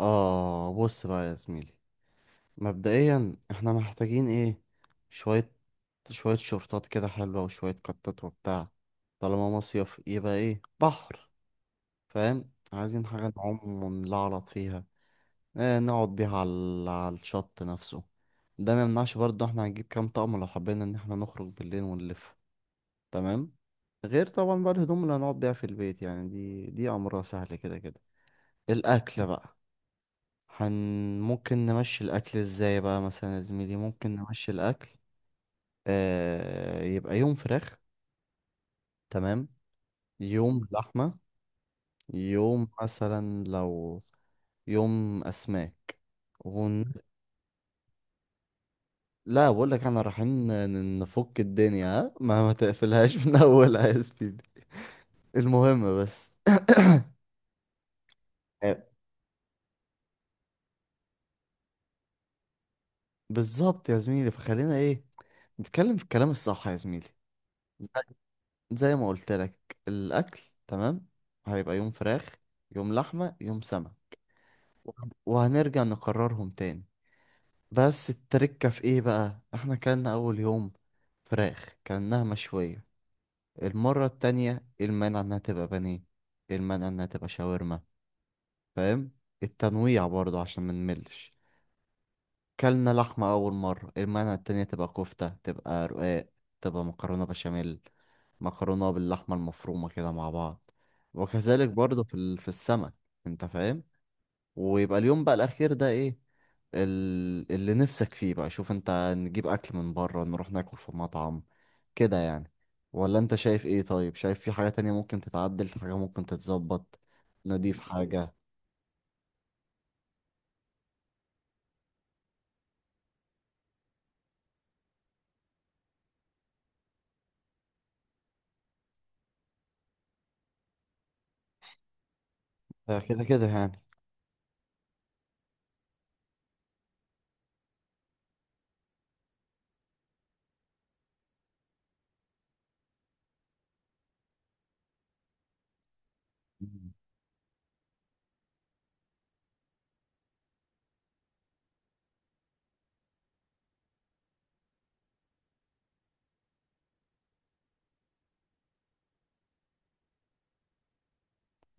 آه، بص بقى يا زميلي، مبدئيا احنا محتاجين ايه؟ شوية شوية شورتات كده حلوة وشوية كتات وبتاع. طالما مصيف يبقى ايه، بحر. فاهم؟ عايزين حاجة نعوم ونلعلط فيها. اه، نقعد بيها على الشط نفسه. ده ما يمنعش برضه، احنا هنجيب كام طقم لو حبينا ان احنا نخرج بالليل ونلف. تمام. غير طبعا بقى الهدوم اللي هنقعد بيها في البيت، يعني دي امرها سهل كده كده. الاكل بقى. هن ممكن نمشي الأكل ازاي بقى مثلا يا زميلي؟ ممكن نمشي الأكل. آه، يبقى يوم فراخ. تمام. يوم لحمة. يوم مثلا لو، يوم أسماك. ون... لا، بقول لك احنا رايحين نفك الدنيا، ها، ما تقفلهاش من اولها يا سبيدي. المهم بس، آه، بالظبط يا زميلي، فخلينا ايه، نتكلم في الكلام الصح يا زميلي. زي ما قلت لك، الاكل. تمام. هيبقى يوم فراخ، يوم لحمه، يوم سمك. وهنرجع نقررهم تاني. بس التركه في ايه بقى، احنا كلنا اول يوم فراخ كلناها مشويه، المره التانية إيه المانع انها تبقى بانيه، إيه المانع انها تبقى شاورما؟ فاهم؟ التنويع برضه عشان ما نملش. كلنا لحمه اول مره، إيه المانع التانية تبقى كفته، تبقى رقاق، تبقى مكرونه بشاميل، مكرونة باللحمة المفرومة كده مع بعض. وكذلك برضه في السمك، انت فاهم. ويبقى اليوم بقى الأخير ده ايه، اللي نفسك فيه بقى. شوف انت، نجيب أكل من بره، نروح ناكل في مطعم كده يعني، ولا انت شايف ايه؟ طيب، شايف في حاجة تانية ممكن تتعدل، في حاجة ممكن تتظبط، نضيف حاجة؟ آه، كده كده يعني.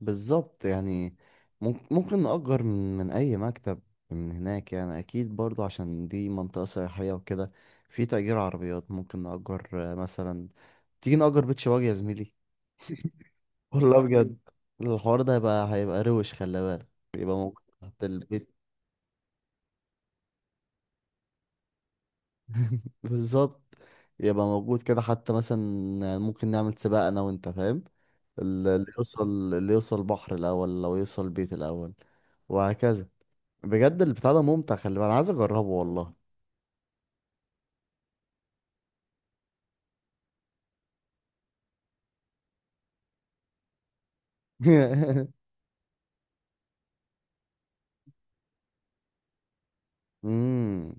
بالظبط يعني، ممكن نأجر من أي مكتب من هناك يعني، أكيد برضو عشان دي منطقة سياحية وكده. في تأجير عربيات، ممكن نأجر، مثلا تيجي نأجر بيت شواجه يا زميلي. والله بجد. الحوار ده هيبقى روش، خلي بالك. يبقى موجود تحت البيت. بالظبط. يبقى موجود كده حتى مثلا ممكن نعمل سباق أنا وأنت، فاهم؟ اللي يوصل بحر الأول، لو يوصل بيت الأول، وهكذا. بجد البتاع ده ممتع، خلي بالك، انا عايز اجربه والله. امم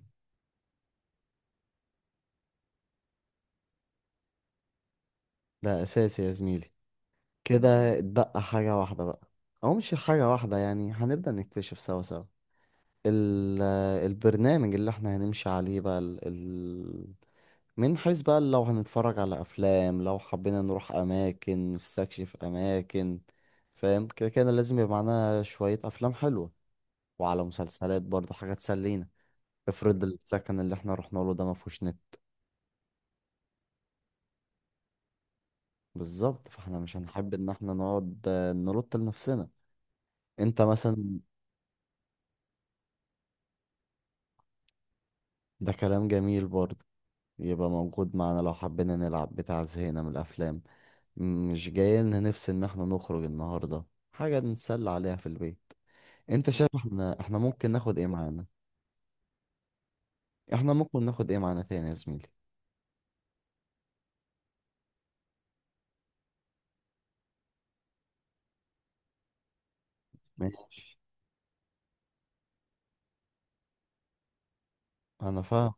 ده اساسي يا زميلي. كده اتبقى حاجه واحده بقى، او مش حاجه واحده يعني، هنبدا نكتشف سوا سوا ال- البرنامج اللي احنا هنمشي عليه بقى، من حيث بقى لو هنتفرج على افلام، لو حبينا نروح اماكن، نستكشف اماكن، فاهم؟ كده كده لازم يبقى معانا شويه افلام حلوه، وعلى مسلسلات برضه، حاجات تسلينا. افرض السكن اللي احنا رحنا له ده ما فيهوش نت، بالظبط، فاحنا مش هنحب ان احنا نقعد، نلط لنفسنا انت مثلا. ده كلام جميل برضه، يبقى موجود معانا لو حبينا نلعب بتاع، زهقنا من الافلام، مش جاي لنا نفس ان احنا نخرج النهارده، حاجه نتسلى عليها في البيت. انت شايف احنا ممكن ناخد ايه معانا؟ احنا ممكن ناخد ايه معانا تاني يا زميلي؟ ماشي، انا فاهم.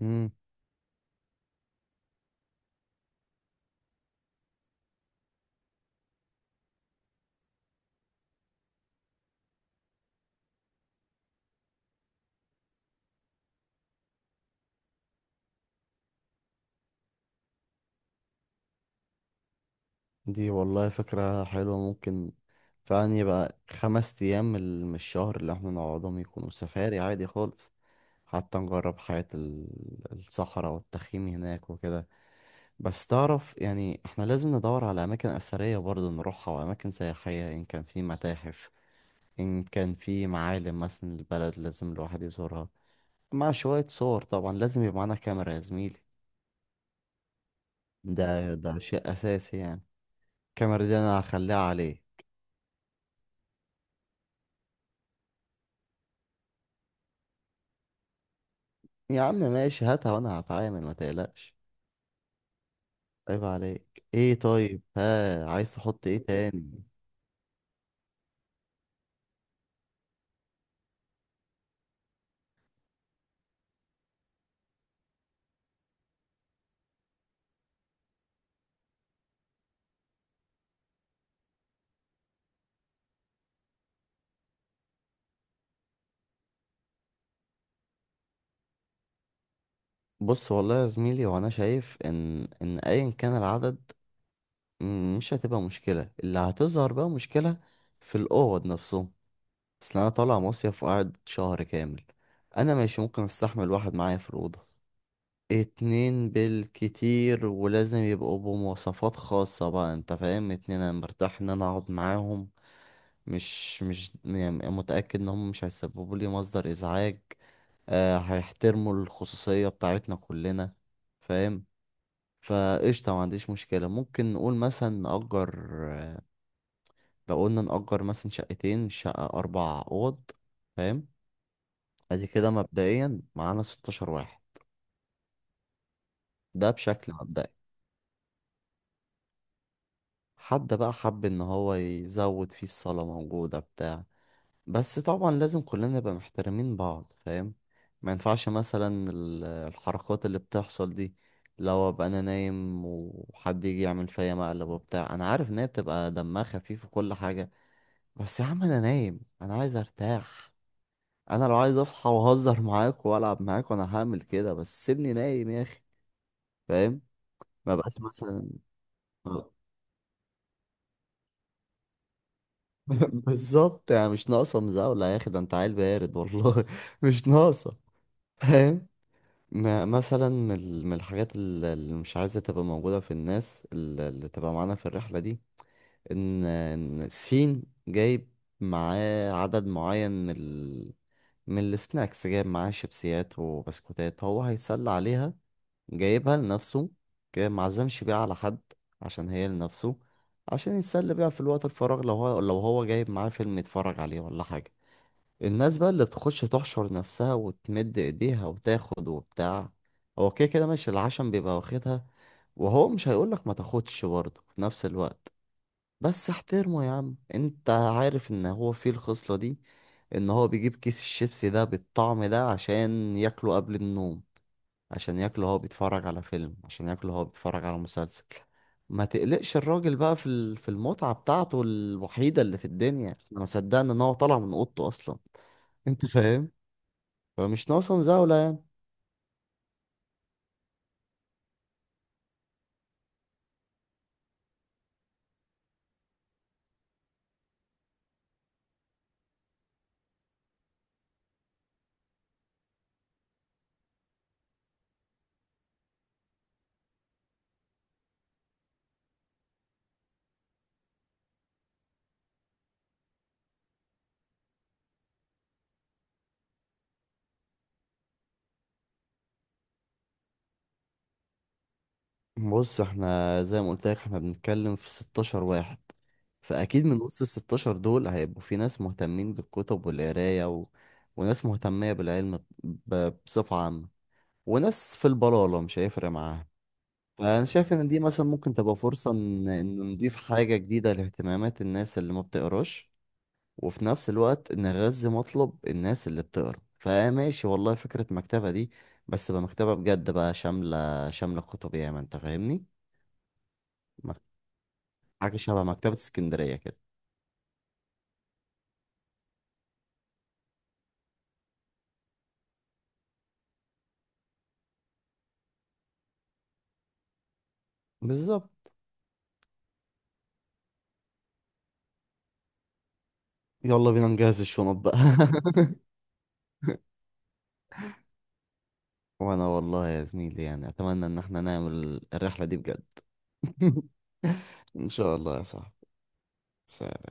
مم. دي والله فكره حلوه، ممكن فعلا يبقى 5 ايام من الشهر اللي احنا نقعدهم يكونوا سفاري عادي خالص. حتى نجرب حياة الصحراء والتخييم هناك وكده. بس تعرف يعني احنا لازم ندور على أماكن أثرية برضه نروحها، وأماكن سياحية، إن كان في متاحف، إن كان في معالم مثلا. البلد لازم الواحد يزورها، مع شوية صور طبعا، لازم يبقى معانا كاميرا يا زميلي. ده شيء أساسي يعني. الكاميرا دي أنا هخليها عليه. يا عم ماشي، هاتها وأنا هتعامل، ما تقلقش. عيب عليك. ايه طيب؟ ها، عايز تحط ايه تاني؟ بص والله يا زميلي، وانا شايف ان ايا كان العدد، مش هتبقى مشكله. اللي هتظهر بقى مشكله في الاوض نفسهم. اصل انا طالع مصيف وقاعد شهر كامل. انا ماشي، ممكن استحمل واحد معايا في الاوضه، اتنين بالكتير، ولازم يبقوا بمواصفات خاصه بقى، انت فاهم، اتنين انا مرتاح ان انا اقعد معاهم، مش يعني متاكد ان هم مش هيسببوا لي مصدر ازعاج، هيحترموا الخصوصيه بتاعتنا كلنا، فاهم؟ فقشطة، ما عنديش مشكلة. ممكن نقول مثلا نأجر، لو قلنا نأجر مثلا شقتين، شقة أربع أوض، فاهم، أدي كده مبدئيا معانا 16 واحد. ده بشكل مبدئي. حد بقى حب إن هو يزود، فيه الصالة موجودة بتاع بس طبعا لازم كلنا نبقى محترمين بعض، فاهم؟ ما ينفعش مثلا الحركات اللي بتحصل دي، لو ابقى انا نايم وحد يجي يعمل فيا مقلب وبتاع، انا عارف ان هي بتبقى دمها خفيف وكل حاجة، بس يا عم انا نايم، انا عايز ارتاح. انا لو عايز اصحى واهزر معاك والعب معاك، وانا هعمل كده، بس سيبني نايم يا اخي، فاهم؟ ما بقاش مثلا، آه. بالظبط يعني، مش ناقصه مزاوله يا اخي، ده انت عيل بارد والله مش ناقصه، فاهم؟ ما مثلا من الحاجات اللي مش عايزه تبقى موجوده في الناس اللي تبقى معانا في الرحله دي، ان الصين جايب معاه عدد معين من السناكس، جايب معاه شيبسيات وبسكوتات هو هيتسلى عليها، جايبها لنفسه، جايب معزمش بيها على حد عشان هي لنفسه، عشان يتسلى بيها في الوقت الفراغ، لو هو جايب معاه فيلم يتفرج عليه ولا حاجة. الناس بقى اللي بتخش تحشر نفسها وتمد ايديها وتاخد وبتاع، هو كده كده ماشي العشم بيبقى واخدها، وهو مش هيقولك ما تاخدش برضه في نفس الوقت، بس احترمه يا عم، انت عارف ان هو فيه الخصلة دي، ان هو بيجيب كيس الشيبسي ده بالطعم ده عشان ياكله قبل النوم، عشان ياكله هو بيتفرج على فيلم، عشان ياكله هو بيتفرج على مسلسل، ما تقلقش الراجل بقى في المتعة بتاعته الوحيدة اللي في الدنيا، احنا ما صدقنا ان هو طالع من اوضته اصلا. انت فاهم، فمش ناقصه مزاولة يعني. بص احنا زي ما قلت لك احنا بنتكلم في 16 واحد، فاكيد من وسط ال 16 دول هيبقوا في ناس مهتمين بالكتب والقرايه وناس مهتميه بالعلم بصفه عامه، وناس في البلاله مش هيفرق معاها. فانا شايف ان دي مثلا ممكن تبقى فرصه ان نضيف حاجه جديده لاهتمامات الناس اللي ما بتقراش، وفي نفس الوقت نغذي مطلب الناس اللي بتقرا. فماشي والله، فكره مكتبه دي، بس تبقى مكتبه بجد بقى، شامله شامله كتب ياما، انت فاهمني. حاجة شبه مكتبة اسكندرية كده، بالظبط. يلا بينا نجهز الشنط بقى. وانا والله يا زميلي يعني اتمنى ان احنا نعمل الرحلة دي بجد. ان شاء الله يا صاحبي. سلام.